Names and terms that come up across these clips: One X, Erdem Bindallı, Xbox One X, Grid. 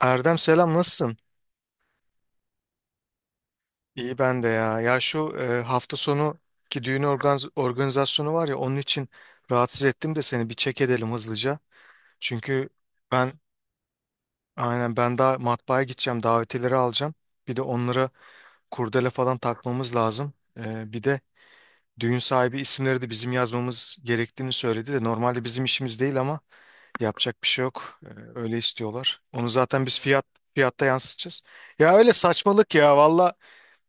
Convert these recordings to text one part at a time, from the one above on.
Erdem, selam, nasılsın? İyi ben de ya. Ya şu hafta sonu ki düğün organizasyonu var ya, onun için rahatsız ettim de seni bir çek edelim hızlıca. Çünkü ben aynen ben daha matbaaya gideceğim, davetileri alacağım. Bir de onlara kurdele falan takmamız lazım. Bir de düğün sahibi isimleri de bizim yazmamız gerektiğini söyledi de normalde bizim işimiz değil ama yapacak bir şey yok. Öyle istiyorlar. Onu zaten biz fiyatta yansıtacağız. Ya öyle saçmalık ya, valla.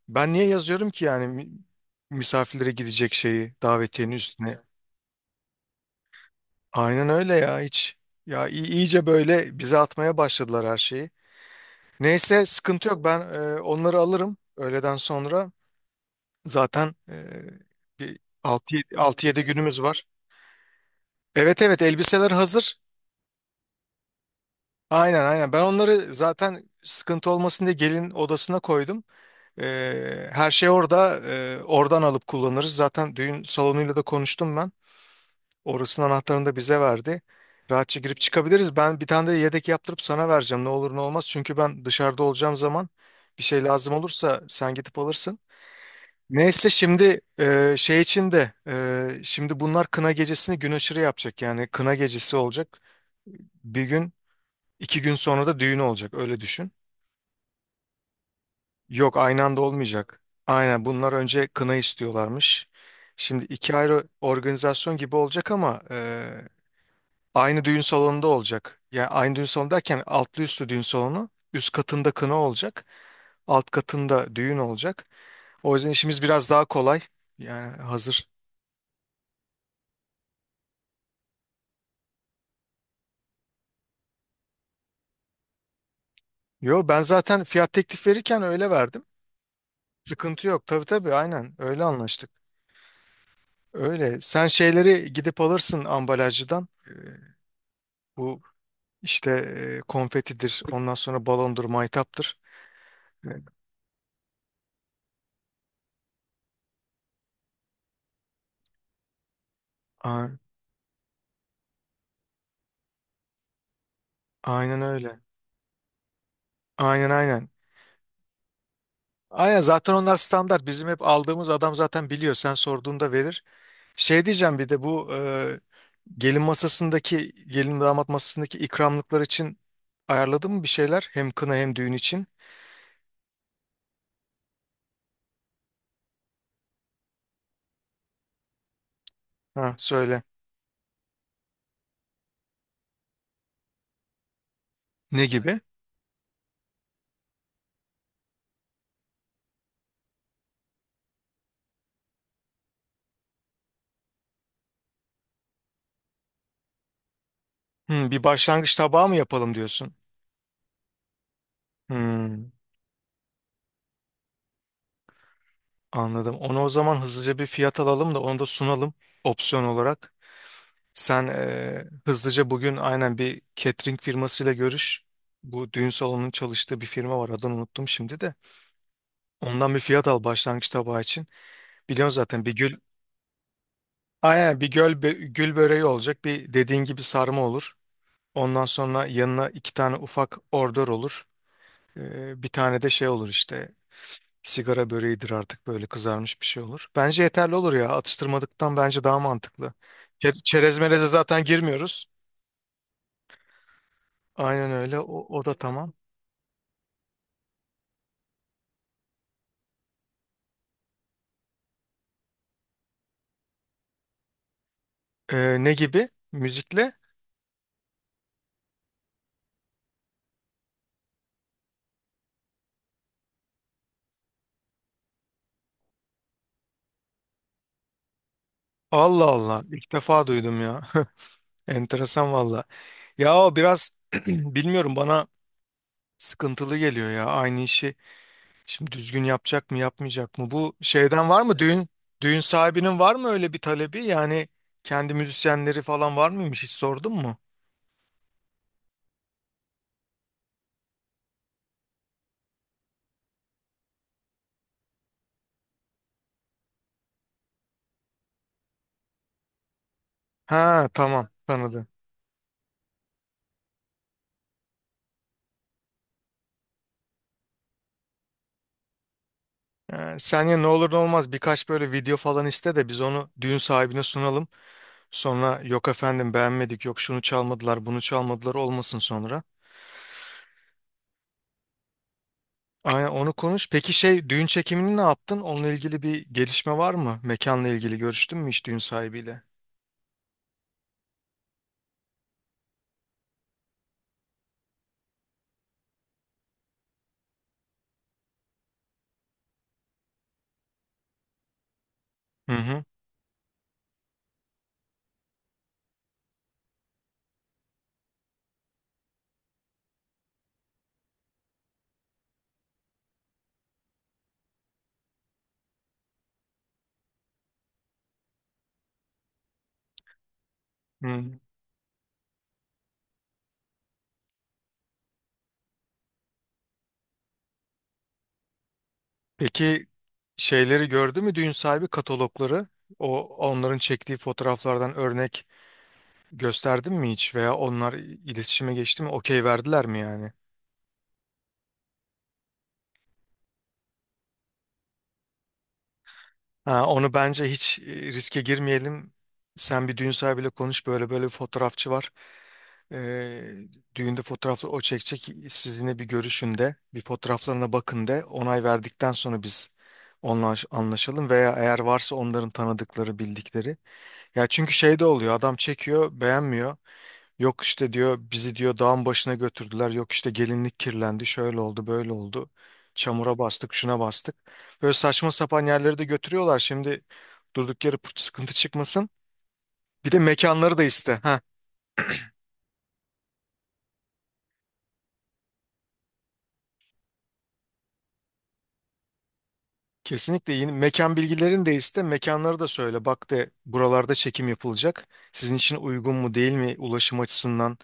Ben niye yazıyorum ki yani misafirlere gidecek şeyi davetiyenin üstüne? Aynen öyle ya, hiç. Ya iyice böyle bize atmaya başladılar her şeyi. Neyse, sıkıntı yok, ben onları alırım öğleden sonra. Zaten bir 6-7 günümüz var. Evet evet, elbiseler hazır. Aynen aynen, ben onları zaten sıkıntı olmasın diye gelin odasına koydum. Her şey orada, oradan alıp kullanırız. Zaten düğün salonuyla da konuştum ben. Orasının anahtarını da bize verdi. Rahatça girip çıkabiliriz. Ben bir tane de yedek yaptırıp sana vereceğim. Ne olur ne olmaz. Çünkü ben dışarıda olacağım zaman bir şey lazım olursa sen gidip alırsın. Neyse, şimdi şey için de şimdi bunlar kına gecesini gün aşırı yapacak. Yani kına gecesi olacak. Bir gün iki gün sonra da düğün olacak. Öyle düşün. Yok, aynı anda olmayacak. Aynen, bunlar önce kına istiyorlarmış. Şimdi iki ayrı organizasyon gibi olacak ama aynı düğün salonunda olacak. Yani aynı düğün salonu derken altlı üstlü düğün salonu. Üst katında kına olacak. Alt katında düğün olacak. O yüzden işimiz biraz daha kolay. Yani hazır. Yo, ben zaten fiyat teklif verirken öyle verdim. Sıkıntı yok. Tabii tabii, aynen öyle anlaştık. Öyle. Sen şeyleri gidip alırsın ambalajcıdan. Bu işte konfetidir. Ondan sonra balondur, maytaptır. Evet. A- Aynen öyle. Aynen aynen. Aynen, zaten onlar standart. Bizim hep aldığımız adam zaten biliyor. Sen sorduğunda verir. Şey diyeceğim, bir de bu gelin damat masasındaki ikramlıklar için ayarladın mı bir şeyler? Hem kına hem düğün için. Ha, söyle. Ne gibi? Bir başlangıç tabağı mı yapalım diyorsun? Hmm, anladım. Onu o zaman hızlıca bir fiyat alalım da onu da sunalım opsiyon olarak. Sen hızlıca bugün aynen bir catering firmasıyla görüş. Bu düğün salonunun çalıştığı bir firma var. Adını unuttum şimdi de. Ondan bir fiyat al başlangıç tabağı için. Biliyorsun zaten bir gül aynen bir gül böreği olacak. Bir, dediğin gibi sarma olur. Ondan sonra yanına iki tane ufak ordör olur. Bir tane de şey olur işte, sigara böreğidir artık, böyle kızarmış bir şey olur. Bence yeterli olur ya, atıştırmadıktan bence daha mantıklı. Çerez meleze zaten girmiyoruz. Aynen öyle, o da tamam. Ne gibi? Müzikle? Allah Allah, ilk defa duydum ya. Enteresan valla. Ya o biraz bilmiyorum, bana sıkıntılı geliyor ya aynı işi. Şimdi düzgün yapacak mı yapmayacak mı? Bu şeyden var mı, düğün sahibinin var mı öyle bir talebi? Yani kendi müzisyenleri falan var mıymış, hiç sordun mu? Ha tamam, tanıdım. Sen, ya ne olur ne olmaz, birkaç böyle video falan iste de biz onu düğün sahibine sunalım. Sonra yok efendim beğenmedik, yok şunu çalmadılar bunu çalmadılar, olmasın sonra. Aynen, onu konuş. Peki şey, düğün çekimini ne yaptın? Onunla ilgili bir gelişme var mı? Mekanla ilgili görüştün mü hiç düğün sahibiyle? Hı hı. Hı. Peki şeyleri gördü mü düğün sahibi, katalogları? O, onların çektiği fotoğraflardan örnek gösterdin mi hiç veya onlar iletişime geçti mi? Okey verdiler mi yani? Ha, onu bence hiç riske girmeyelim. Sen bir düğün sahibiyle konuş, böyle böyle bir fotoğrafçı var. Ee, düğünde fotoğrafları o çekecek. Sizinle bir görüşün de bir, fotoğraflarına bakın de, onay verdikten sonra biz onunla anlaşalım veya eğer varsa onların tanıdıkları bildikleri. Ya çünkü şey de oluyor, adam çekiyor, beğenmiyor. Yok işte diyor, bizi diyor dağın başına götürdüler. Yok işte gelinlik kirlendi. Şöyle oldu, böyle oldu. Çamura bastık, şuna bastık. Böyle saçma sapan yerleri de götürüyorlar. Şimdi durduk yere sıkıntı çıkmasın. Bir de mekanları da iste. Ha, kesinlikle yeni mekan bilgilerini de iste. Mekanları da söyle. Bak, de buralarda çekim yapılacak. Sizin için uygun mu değil mi, ulaşım açısından,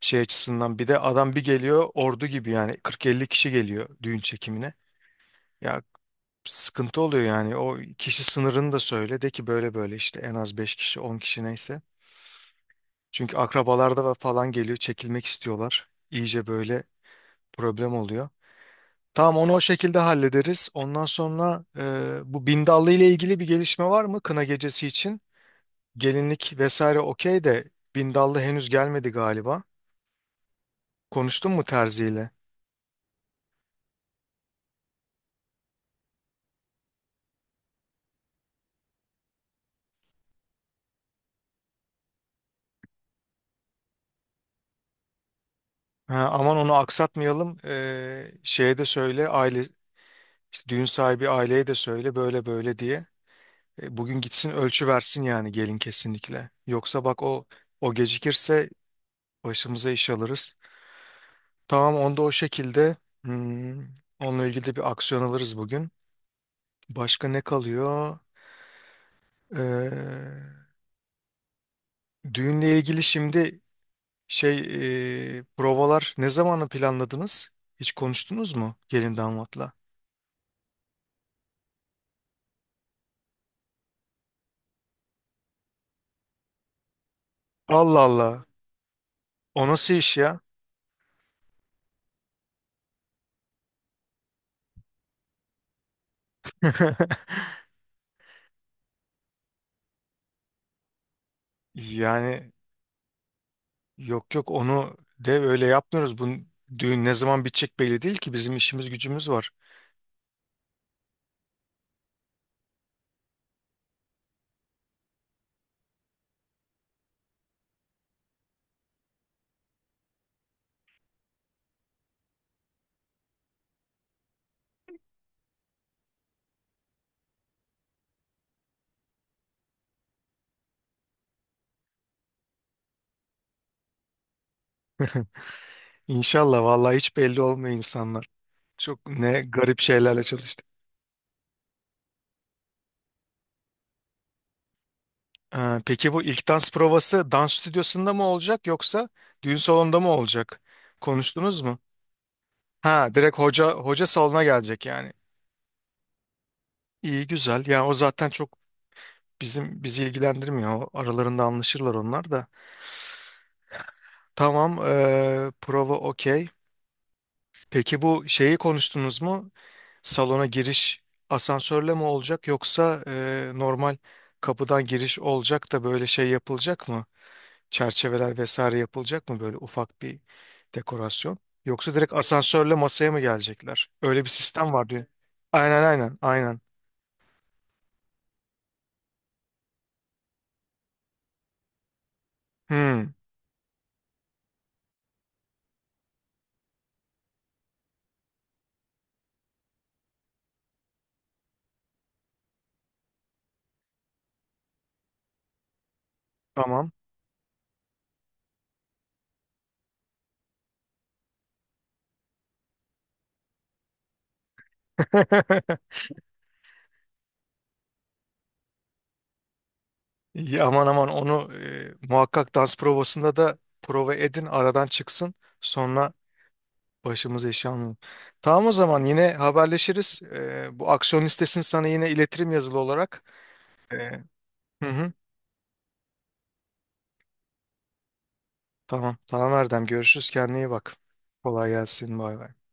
şey açısından. Bir de adam bir geliyor ordu gibi yani 40-50 kişi geliyor düğün çekimine. Ya sıkıntı oluyor yani. O kişi sınırını da söyle. De ki böyle böyle işte en az 5 kişi 10 kişi neyse. Çünkü akrabalarda ve falan geliyor, çekilmek istiyorlar. İyice böyle problem oluyor. Tamam, onu o şekilde hallederiz. Ondan sonra bu Bindallı ile ilgili bir gelişme var mı, kına gecesi için? Gelinlik vesaire okey de, Bindallı henüz gelmedi galiba. Konuştun mu Terzi ile? Ha, aman onu aksatmayalım. Şeye de söyle, aile işte düğün sahibi aileye de söyle böyle böyle diye. Bugün gitsin, ölçü versin yani gelin, kesinlikle. Yoksa bak, o gecikirse başımıza iş alırız. Tamam, onda o şekilde, hmm, onunla ilgili de bir aksiyon alırız bugün. Başka ne kalıyor? Ee, düğünle ilgili şimdi şey, provalar ne zamanı planladınız? Hiç konuştunuz mu gelin damatla? Allah Allah. O nasıl iş ya? Yani yok yok, onu de öyle yapmıyoruz. Bu düğün ne zaman bitecek belli değil ki, bizim işimiz gücümüz var. İnşallah, vallahi hiç belli olmuyor insanlar. Çok ne garip şeylerle çalıştık. Peki bu ilk dans provası dans stüdyosunda mı olacak yoksa düğün salonunda mı olacak? Konuştunuz mu? Ha, direkt hoca salona gelecek yani. İyi güzel. Yani o zaten çok bizi ilgilendirmiyor. O aralarında anlaşırlar onlar da. Tamam, prova okey. Peki bu şeyi konuştunuz mu? Salona giriş asansörle mi olacak yoksa normal kapıdan giriş olacak da böyle şey yapılacak mı? Çerçeveler vesaire yapılacak mı, böyle ufak bir dekorasyon? Yoksa direkt asansörle masaya mı gelecekler? Öyle bir sistem var diyor. Aynen aynen aynen. Hmm, tamam. İyi, aman aman onu muhakkak dans provasında da prova edin, aradan çıksın. Sonra başımız eşya almayalım. Tamam o zaman, yine haberleşiriz. Bu aksiyon listesini sana yine iletirim yazılı olarak. Ee, hı hı, tamam. Tamam Erdem. Görüşürüz. Kendine iyi bak. Kolay gelsin. Bay bay.